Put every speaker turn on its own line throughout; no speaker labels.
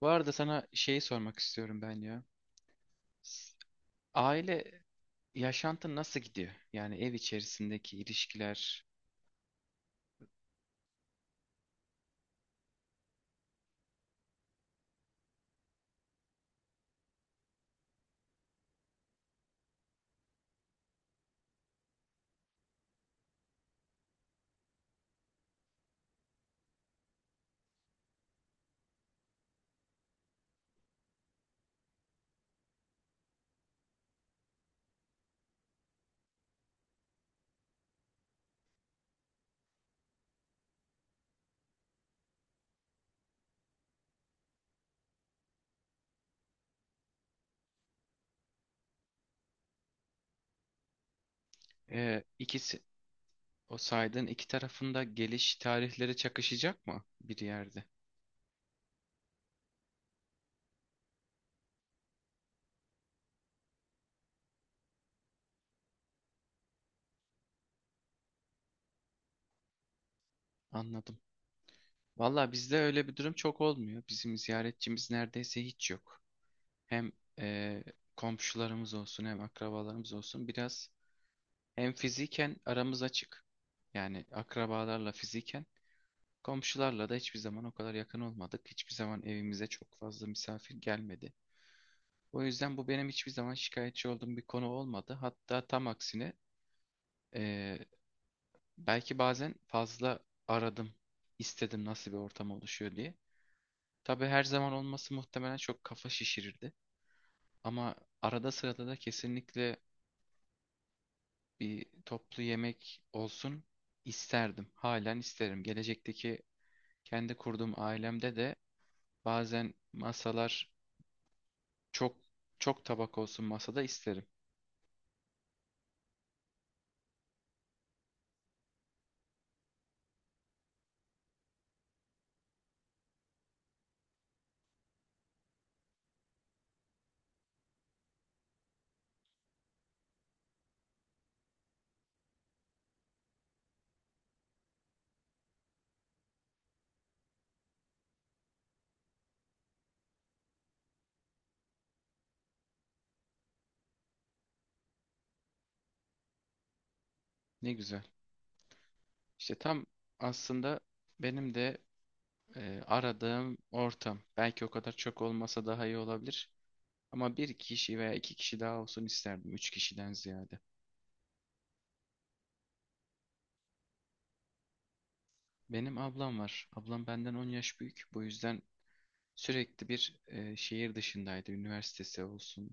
Bu arada sana şeyi sormak istiyorum ben ya. S- Aile yaşantın nasıl gidiyor? Yani ev içerisindeki ilişkiler. İkisi o saydığın iki tarafında geliş tarihleri çakışacak mı bir yerde? Anladım. Valla bizde öyle bir durum çok olmuyor. Bizim ziyaretçimiz neredeyse hiç yok. Hem e, komşularımız olsun hem akrabalarımız olsun biraz, hem fiziken aramız açık. Yani akrabalarla fiziken komşularla da hiçbir zaman o kadar yakın olmadık. Hiçbir zaman evimize çok fazla misafir gelmedi. O yüzden bu benim hiçbir zaman şikayetçi olduğum bir konu olmadı. Hatta tam aksine eee, belki bazen fazla aradım, istedim nasıl bir ortam oluşuyor diye. Tabii her zaman olması muhtemelen çok kafa şişirirdi. Ama arada sırada da kesinlikle bir toplu yemek olsun isterdim. Halen isterim. Gelecekteki kendi kurduğum ailemde de bazen masalar Çok çok tabak olsun masada isterim. Ne güzel. İşte tam aslında benim de aradığım ortam. Belki o kadar çok olmasa daha iyi olabilir. Ama bir kişi veya iki kişi daha olsun isterdim. Üç kişiden ziyade. Benim ablam var. Ablam benden 10 yaş büyük. Bu yüzden sürekli bir şehir dışındaydı. Üniversitesi olsun,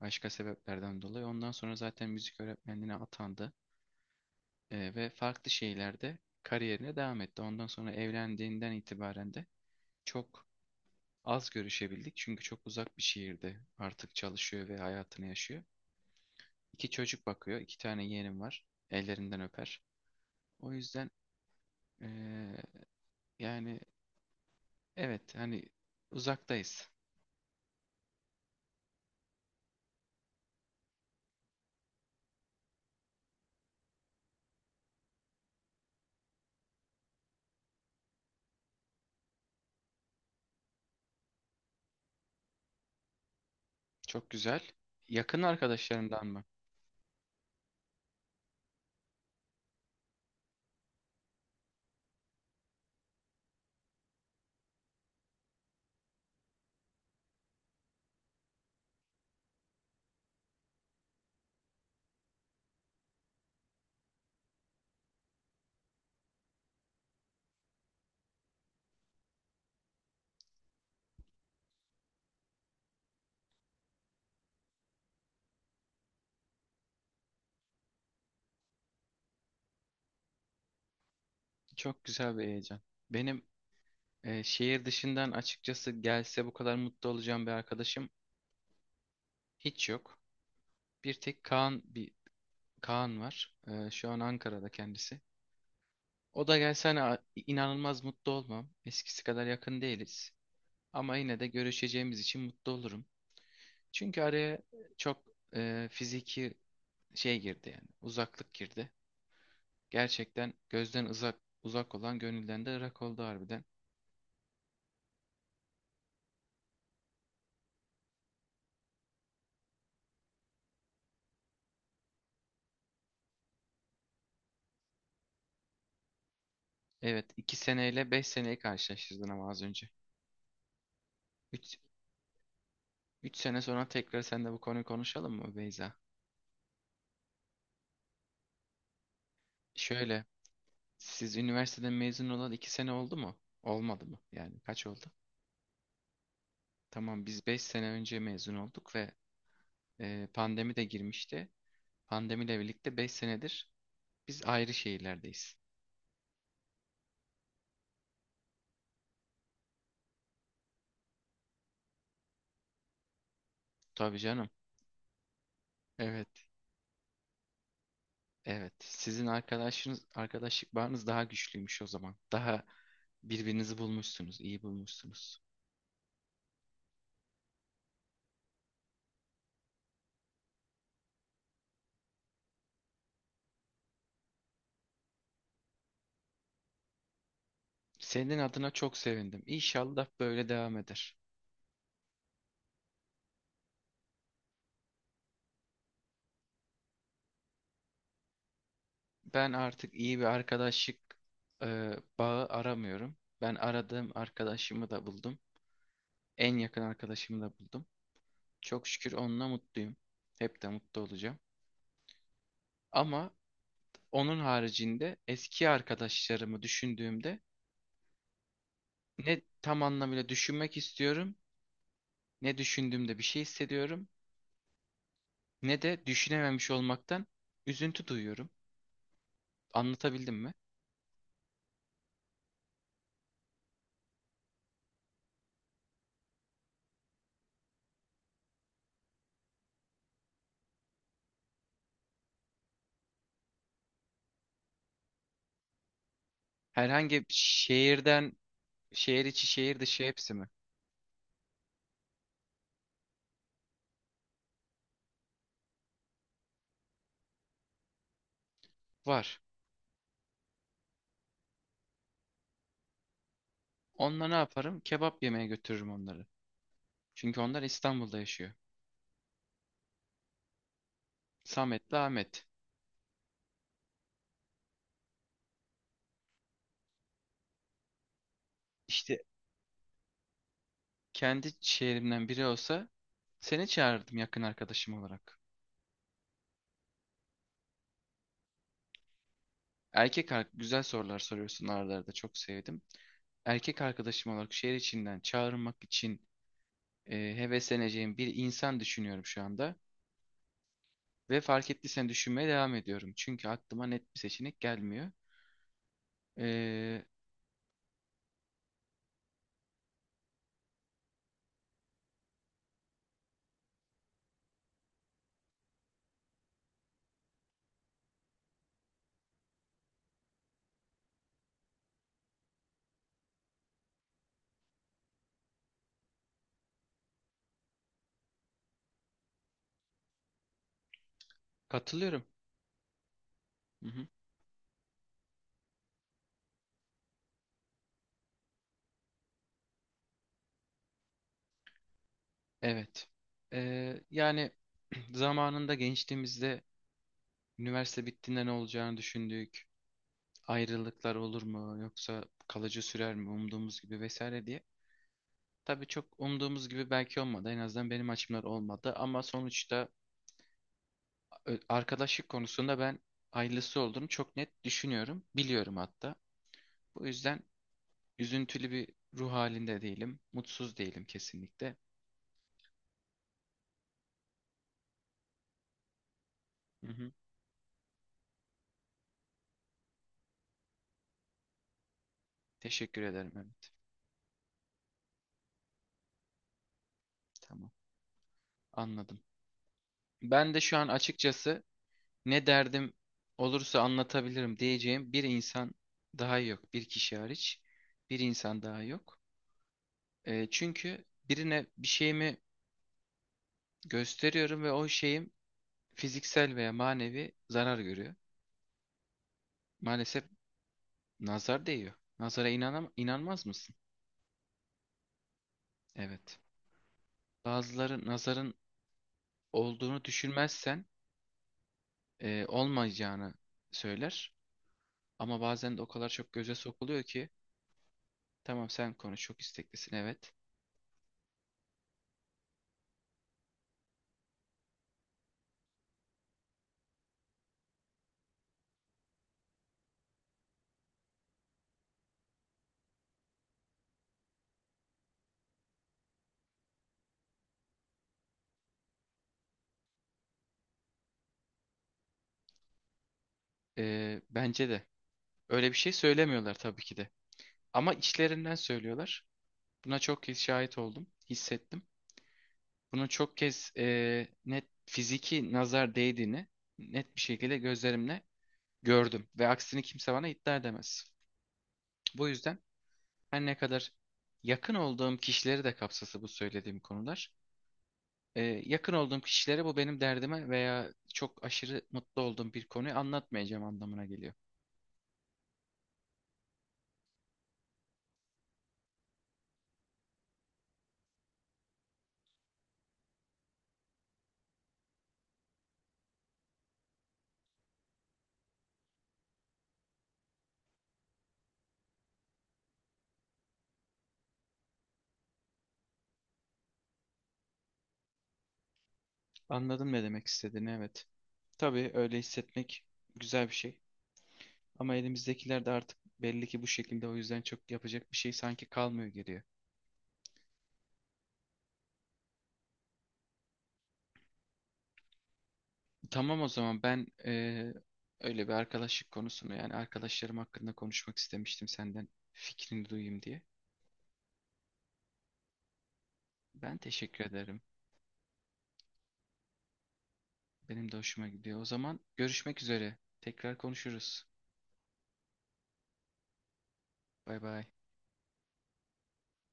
başka sebeplerden dolayı. Ondan sonra zaten müzik öğretmenliğine atandı. Ve farklı şeylerde kariyerine devam etti. Ondan sonra evlendiğinden itibaren de çok az görüşebildik, çünkü çok uzak bir şehirde artık çalışıyor ve hayatını yaşıyor. İki çocuk bakıyor, iki tane yeğenim var. Ellerinden öper. O yüzden eee, yani evet, hani uzaktayız. Çok güzel. Yakın arkadaşlarından mı? Çok güzel bir heyecan. Benim şehir dışından açıkçası gelse bu kadar mutlu olacağım bir arkadaşım hiç yok. Bir tek bir Kaan var. Şu an Ankara'da kendisi. O da gelse, hani inanılmaz mutlu olmam. Eskisi kadar yakın değiliz. Ama yine de görüşeceğimiz için mutlu olurum. Çünkü araya çok fiziki şey girdi yani. Uzaklık girdi. Gerçekten gözden uzak uzak olan gönülden de ırak oldu harbiden. Evet, 2 seneyle 5 seneyi karşılaştırdın ama az önce. 3 3 sene sonra tekrar seninle bu konuyu konuşalım mı Beyza? Şöyle, siz üniversiteden mezun olan 2 sene oldu mu? Olmadı mı? Yani kaç oldu? Tamam, biz 5 sene önce mezun olduk ve pandemi de girmişti. Pandemiyle birlikte 5 senedir biz ayrı şehirlerdeyiz. Tabii canım. Evet, evet. Sizin arkadaşınız, arkadaşlık bağınız daha güçlüymüş o zaman. Daha birbirinizi bulmuşsunuz, iyi bulmuşsunuz. Senin adına çok sevindim. İnşallah böyle devam eder. Ben artık iyi bir arkadaşlık e, bağı aramıyorum. Ben aradığım arkadaşımı da buldum. En yakın arkadaşımı da buldum. Çok şükür onunla mutluyum. Hep de mutlu olacağım. Ama onun haricinde eski arkadaşlarımı düşündüğümde, ne tam anlamıyla düşünmek istiyorum, ne düşündüğümde bir şey hissediyorum, ne de düşünememiş olmaktan üzüntü duyuyorum. Anlatabildim mi? Herhangi bir şehirden, şehir içi, şehir dışı hepsi mi? Var. Onunla ne yaparım? Kebap yemeye götürürüm onları. Çünkü onlar İstanbul'da yaşıyor. Samet'le Ahmet. İşte, kendi şehrimden biri olsa seni çağırırdım yakın arkadaşım olarak. Güzel sorular soruyorsun arada arada, çok sevdim. Erkek arkadaşım olarak şehir içinden çağırmak için hevesleneceğim bir insan düşünüyorum şu anda. Ve fark ettiysen düşünmeye devam ediyorum. Çünkü aklıma net bir seçenek gelmiyor. E, Katılıyorum. Hı hı. Evet. Yani zamanında gençliğimizde üniversite bittiğinde ne olacağını düşündük. Ayrılıklar olur mu, yoksa kalıcı sürer mi umduğumuz gibi vesaire diye. Tabii çok umduğumuz gibi belki olmadı. En azından benim açımdan olmadı. Ama sonuçta arkadaşlık konusunda ben ayrılısı olduğunu çok net düşünüyorum. Biliyorum hatta. Bu yüzden üzüntülü bir ruh halinde değilim. Mutsuz değilim kesinlikle. Hı hı. Teşekkür ederim Mehmet. Tamam. Anladım. Ben de şu an açıkçası ne derdim olursa anlatabilirim diyeceğim bir insan daha yok. Bir kişi hariç bir insan daha yok. Çünkü birine bir şeyimi gösteriyorum ve o şeyim fiziksel veya manevi zarar görüyor. Maalesef nazar değiyor. Nazara inanam inanmaz mısın? Evet. Bazıları nazarın olduğunu düşünmezsen olmayacağını söyler. Ama bazen de o kadar çok göze sokuluyor ki, tamam sen konuş çok isteklisin, evet. Bence de. Öyle bir şey söylemiyorlar tabii ki de. Ama içlerinden söylüyorlar. Buna çok kez şahit oldum, hissettim. Bunu çok kez net fiziki nazar değdiğini net bir şekilde gözlerimle gördüm. Ve aksini kimse bana iddia edemez. Bu yüzden her ne kadar yakın olduğum kişileri de kapsası bu söylediğim konular, yakın olduğum kişilere bu benim derdime veya çok aşırı mutlu olduğum bir konuyu anlatmayacağım anlamına geliyor. Anladın ne demek istediğini, evet. Tabii öyle hissetmek güzel bir şey. Ama elimizdekiler de artık belli ki bu şekilde, o yüzden çok yapacak bir şey sanki kalmıyor geriye. Tamam, o zaman ben öyle bir arkadaşlık konusunu, yani arkadaşlarım hakkında konuşmak istemiştim, senden fikrini duyayım diye. Ben teşekkür ederim. Benim de hoşuma gidiyor. O zaman görüşmek üzere. Tekrar konuşuruz. Bay bay.